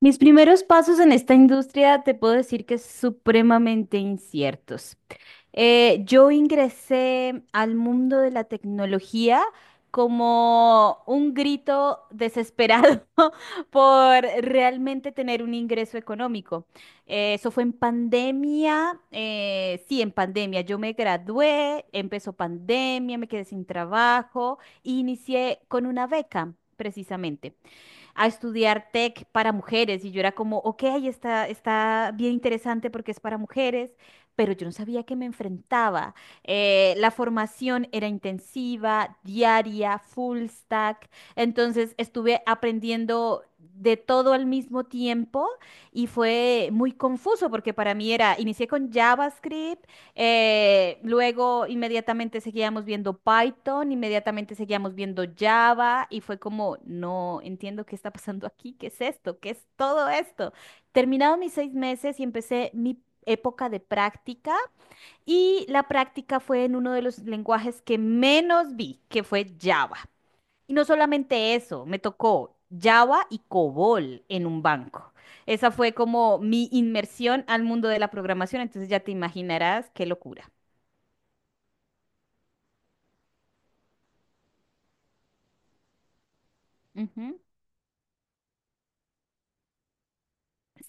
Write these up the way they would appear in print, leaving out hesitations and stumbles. Mis primeros pasos en esta industria te puedo decir que es supremamente inciertos. Yo ingresé al mundo de la tecnología como un grito desesperado por realmente tener un ingreso económico. Eso fue en pandemia, sí, en pandemia. Yo me gradué, empezó pandemia, me quedé sin trabajo e inicié con una beca, precisamente a estudiar tech para mujeres y yo era como, ok, está bien interesante porque es para mujeres, pero yo no sabía que me enfrentaba. La formación era intensiva, diaria, full stack, entonces estuve aprendiendo de todo al mismo tiempo y fue muy confuso porque para mí era, inicié con JavaScript, luego inmediatamente seguíamos viendo Python, inmediatamente seguíamos viendo Java y fue como, no entiendo qué está pasando aquí, qué es esto, qué es todo esto. Terminados mis 6 meses y empecé mi época de práctica, y la práctica fue en uno de los lenguajes que menos vi, que fue Java. Y no solamente eso, me tocó Java y COBOL en un banco. Esa fue como mi inmersión al mundo de la programación, entonces ya te imaginarás qué locura. Ujú.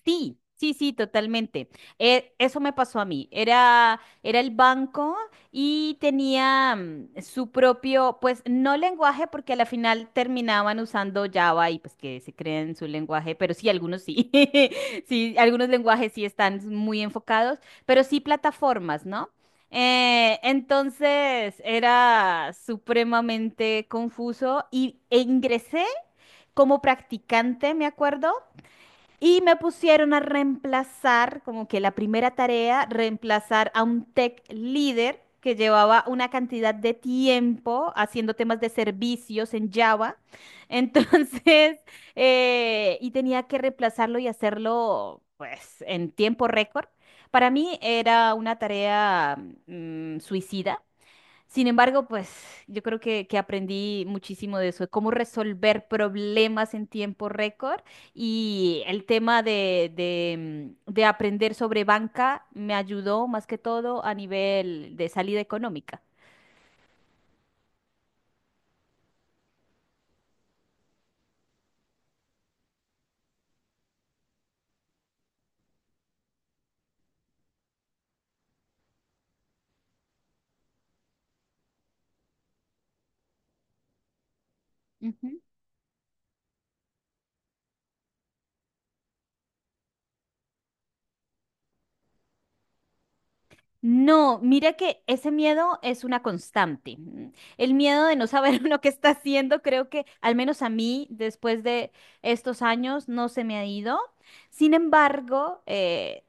Sí, sí, sí, totalmente. Eso me pasó a mí. Era el banco y tenía su propio, pues no lenguaje, porque a la final terminaban usando Java y pues que se creen su lenguaje, pero sí, algunos sí. Sí, algunos lenguajes sí están muy enfocados, pero sí plataformas, ¿no? Entonces era supremamente confuso y ingresé como practicante, me acuerdo. Y me pusieron a reemplazar, como que la primera tarea, reemplazar a un tech líder que llevaba una cantidad de tiempo haciendo temas de servicios en Java. Entonces, y tenía que reemplazarlo y hacerlo, pues, en tiempo récord. Para mí era una tarea suicida. Sin embargo, pues yo creo que aprendí muchísimo de eso, de cómo resolver problemas en tiempo récord, y el tema de de aprender sobre banca me ayudó más que todo a nivel de salida económica. Ujú. No, mira que ese miedo es una constante. Mm. El miedo de no saber uno qué está haciendo, creo que al menos a mí, después de estos años, no se me ha ido. Sin embargo,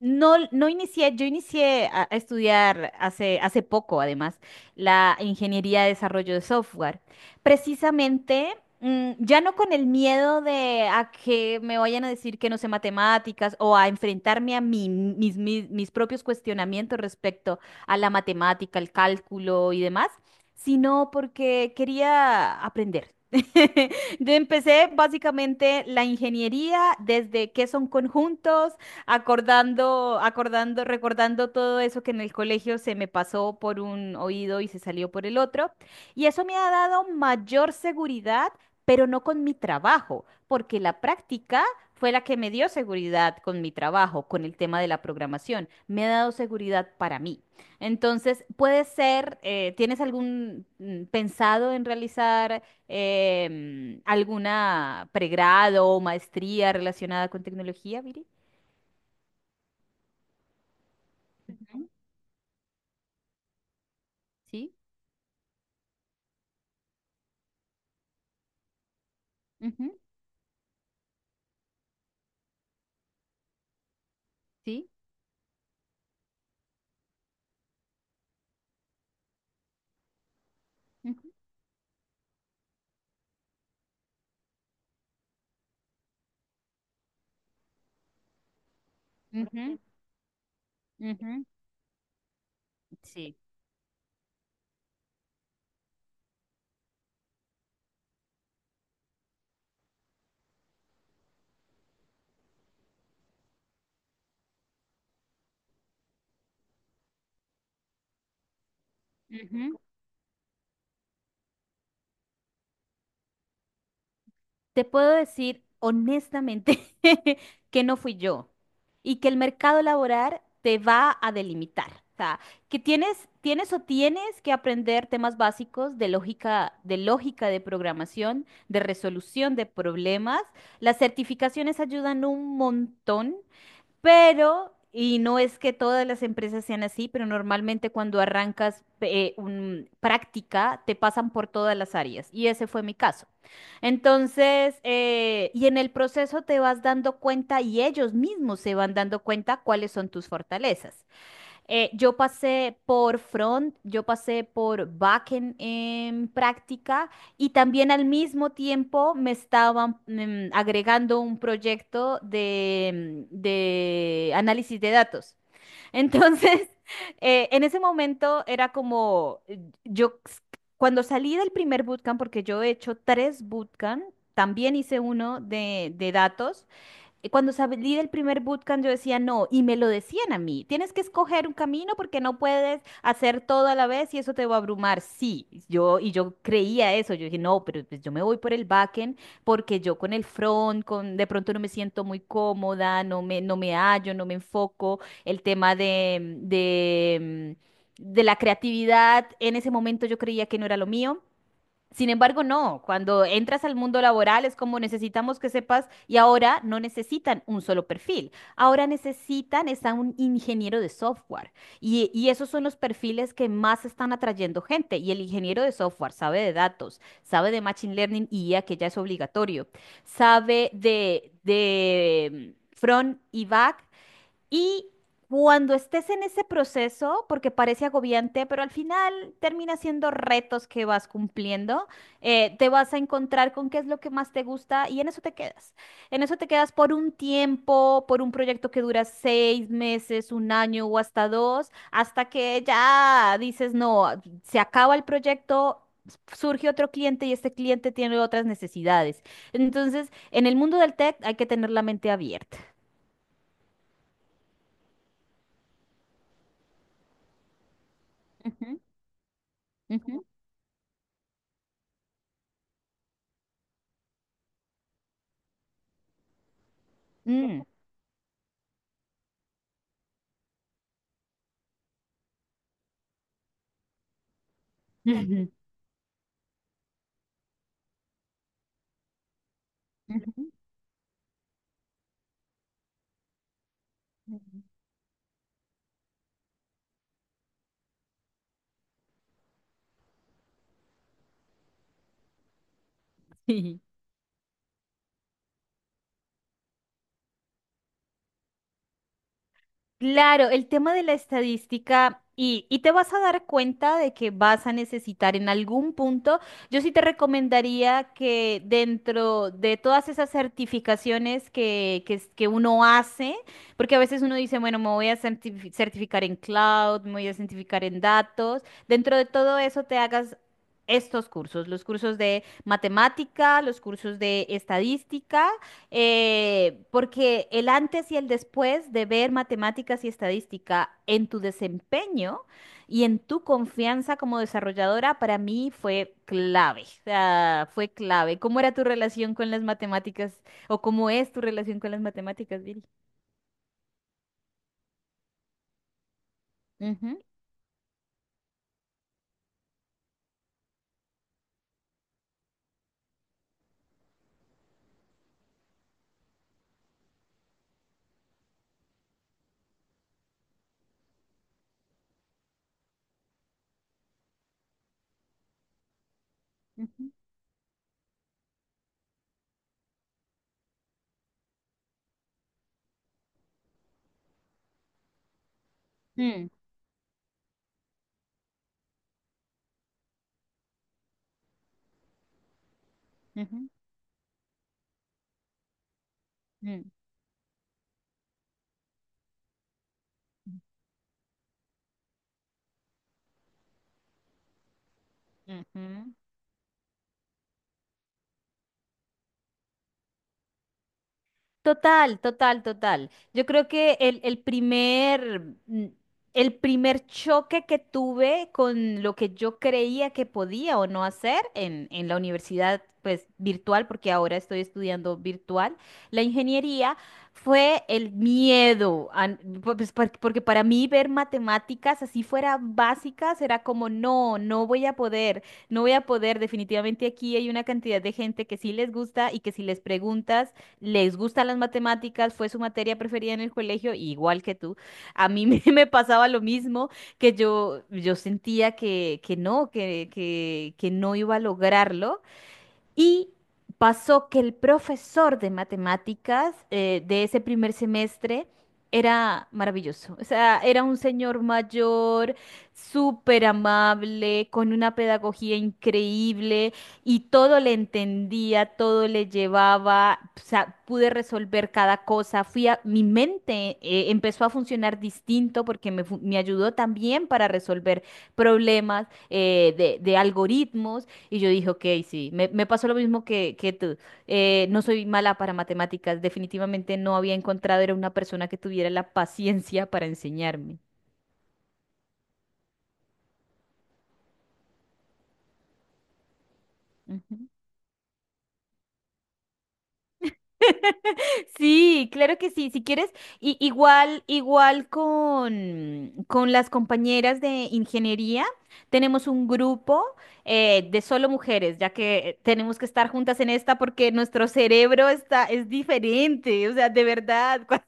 no, no inicié, yo inicié a estudiar hace, poco, además, la ingeniería de desarrollo de software. Precisamente, ya no con el miedo de a que me vayan a decir que no sé matemáticas o a enfrentarme a mis propios cuestionamientos respecto a la matemática, el cálculo y demás, sino porque quería aprender. Yo empecé básicamente la ingeniería desde qué son conjuntos, recordando todo eso que en el colegio se me pasó por un oído y se salió por el otro. Y eso me ha dado mayor seguridad, pero no con mi trabajo, porque la práctica fue la que me dio seguridad con mi trabajo, con el tema de la programación. Me ha dado seguridad para mí. Entonces, puede ser, ¿tienes algún pensado en realizar alguna pregrado o maestría relacionada con tecnología, Viri? Sí. Ujú. Sí. Ujú. Ujú. Ujú. Sí. Ujú. Te puedo decir honestamente que no fui yo y que el mercado laboral te va a delimitar. O sea, que tienes, tienes o tienes que aprender temas básicos de lógica, de lógica de programación, de resolución de problemas. Las certificaciones ayudan un montón. Pero, y no es que todas las empresas sean así, pero normalmente cuando arrancas práctica, te pasan por todas las áreas. Y ese fue mi caso. Entonces, y en el proceso te vas dando cuenta y ellos mismos se van dando cuenta cuáles son tus fortalezas. Yo pasé por front, yo pasé por backend en práctica, y también al mismo tiempo me estaban agregando un proyecto de análisis de datos. Entonces, en ese momento era como, cuando salí del primer bootcamp, porque yo he hecho tres bootcamp, también hice uno de datos. Cuando salí del primer bootcamp, yo decía no, y me lo decían a mí, tienes que escoger un camino porque no puedes hacer todo a la vez y eso te va a abrumar. Sí, yo creía eso, yo dije, no, pero pues, yo me voy por el backend porque yo con el front, con de pronto no me siento muy cómoda, no me hallo, no me enfoco, el tema de la creatividad, en ese momento yo creía que no era lo mío. Sin embargo, no, cuando entras al mundo laboral es como necesitamos que sepas y ahora no necesitan un solo perfil, ahora necesitan es a un ingeniero de software, y esos son los perfiles que más están atrayendo gente, y el ingeniero de software sabe de datos, sabe de Machine Learning y IA, que ya es obligatorio, sabe front y back, y cuando estés en ese proceso, porque parece agobiante, pero al final termina siendo retos que vas cumpliendo, te vas a encontrar con qué es lo que más te gusta y en eso te quedas. En eso te quedas por un tiempo, por un proyecto que dura 6 meses, un año o hasta dos, hasta que ya dices, no, se acaba el proyecto. Surge otro cliente y este cliente tiene otras necesidades. Entonces, en el mundo del tech hay que tener la mente abierta. Ujú. Ujú. Mm. Ujú. Ujú. Ujú. Sí. Claro, el tema de la estadística, y te vas a dar cuenta de que vas a necesitar en algún punto, yo sí te recomendaría que dentro de todas esas certificaciones que uno hace, porque a veces uno dice, bueno, me voy a certificar en cloud, me voy a certificar en datos, dentro de todo eso te hagas... Estos cursos, los cursos de matemática, los cursos de estadística. Porque el antes y el después de ver matemáticas y estadística en tu desempeño y en tu confianza como desarrolladora para mí fue clave. O sea, fue clave. ¿Cómo era tu relación con las matemáticas, o cómo es tu relación con las matemáticas, Viri? Ujú. Ujú. Mm. Ujú. Mm. Ujú. Total, total, total. Yo creo que mm, el primer choque que tuve con lo que yo creía que podía o no hacer en, la universidad, pues virtual, porque ahora estoy estudiando virtual, la ingeniería, fue el miedo. A n- po- pues, por- Porque para mí ver matemáticas así fuera básicas era como, no, no voy a poder, no voy a poder. Definitivamente aquí hay una cantidad de gente que sí les gusta y que si les preguntas les gustan las matemáticas, fue su materia preferida en el colegio, igual que tú. A mí me, me pasaba lo mismo, que yo sentía que no iba a lograrlo. Y pasó que el profesor de matemáticas, de ese primer semestre, era maravilloso. O sea, era un señor mayor, súper amable, con una pedagogía increíble, y todo le entendía, todo le llevaba. O sea, pude resolver cada cosa. Mi mente empezó a funcionar distinto porque me ayudó también para resolver problemas de algoritmos. Y yo dije, ok, sí, me pasó lo mismo que tú. No soy mala para matemáticas, definitivamente no había encontrado, era una persona que tuviera la paciencia para enseñarme. Ujú. Sí, claro que sí, si quieres, igual con las compañeras de ingeniería, tenemos un grupo de solo mujeres, ya que tenemos que estar juntas en esta porque nuestro cerebro es diferente, o sea, de verdad,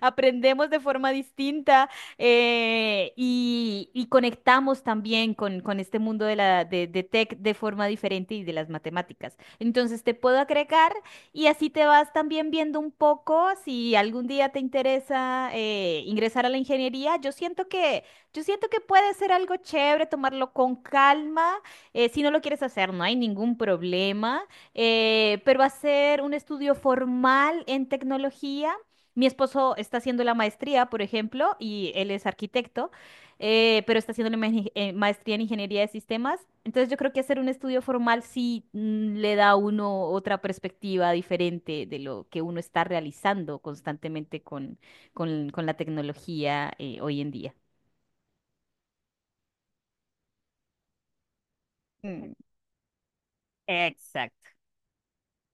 aprendemos de forma distinta, y conectamos también con este mundo de tech de forma diferente y de las matemáticas. Entonces, te puedo agregar. Y así te vas también viendo un poco si algún día te interesa ingresar a la ingeniería. Yo siento que puede ser algo chévere tomarlo con calma. Si no lo quieres hacer, no hay ningún problema. Pero hacer un estudio formal en tecnología. Mi esposo está haciendo la maestría, por ejemplo, y él es arquitecto, pero está haciendo la maestría en ingeniería de sistemas. Entonces yo creo que hacer un estudio formal sí le da a uno otra perspectiva diferente de lo que uno está realizando constantemente con la tecnología hoy en día. Mm. Exacto.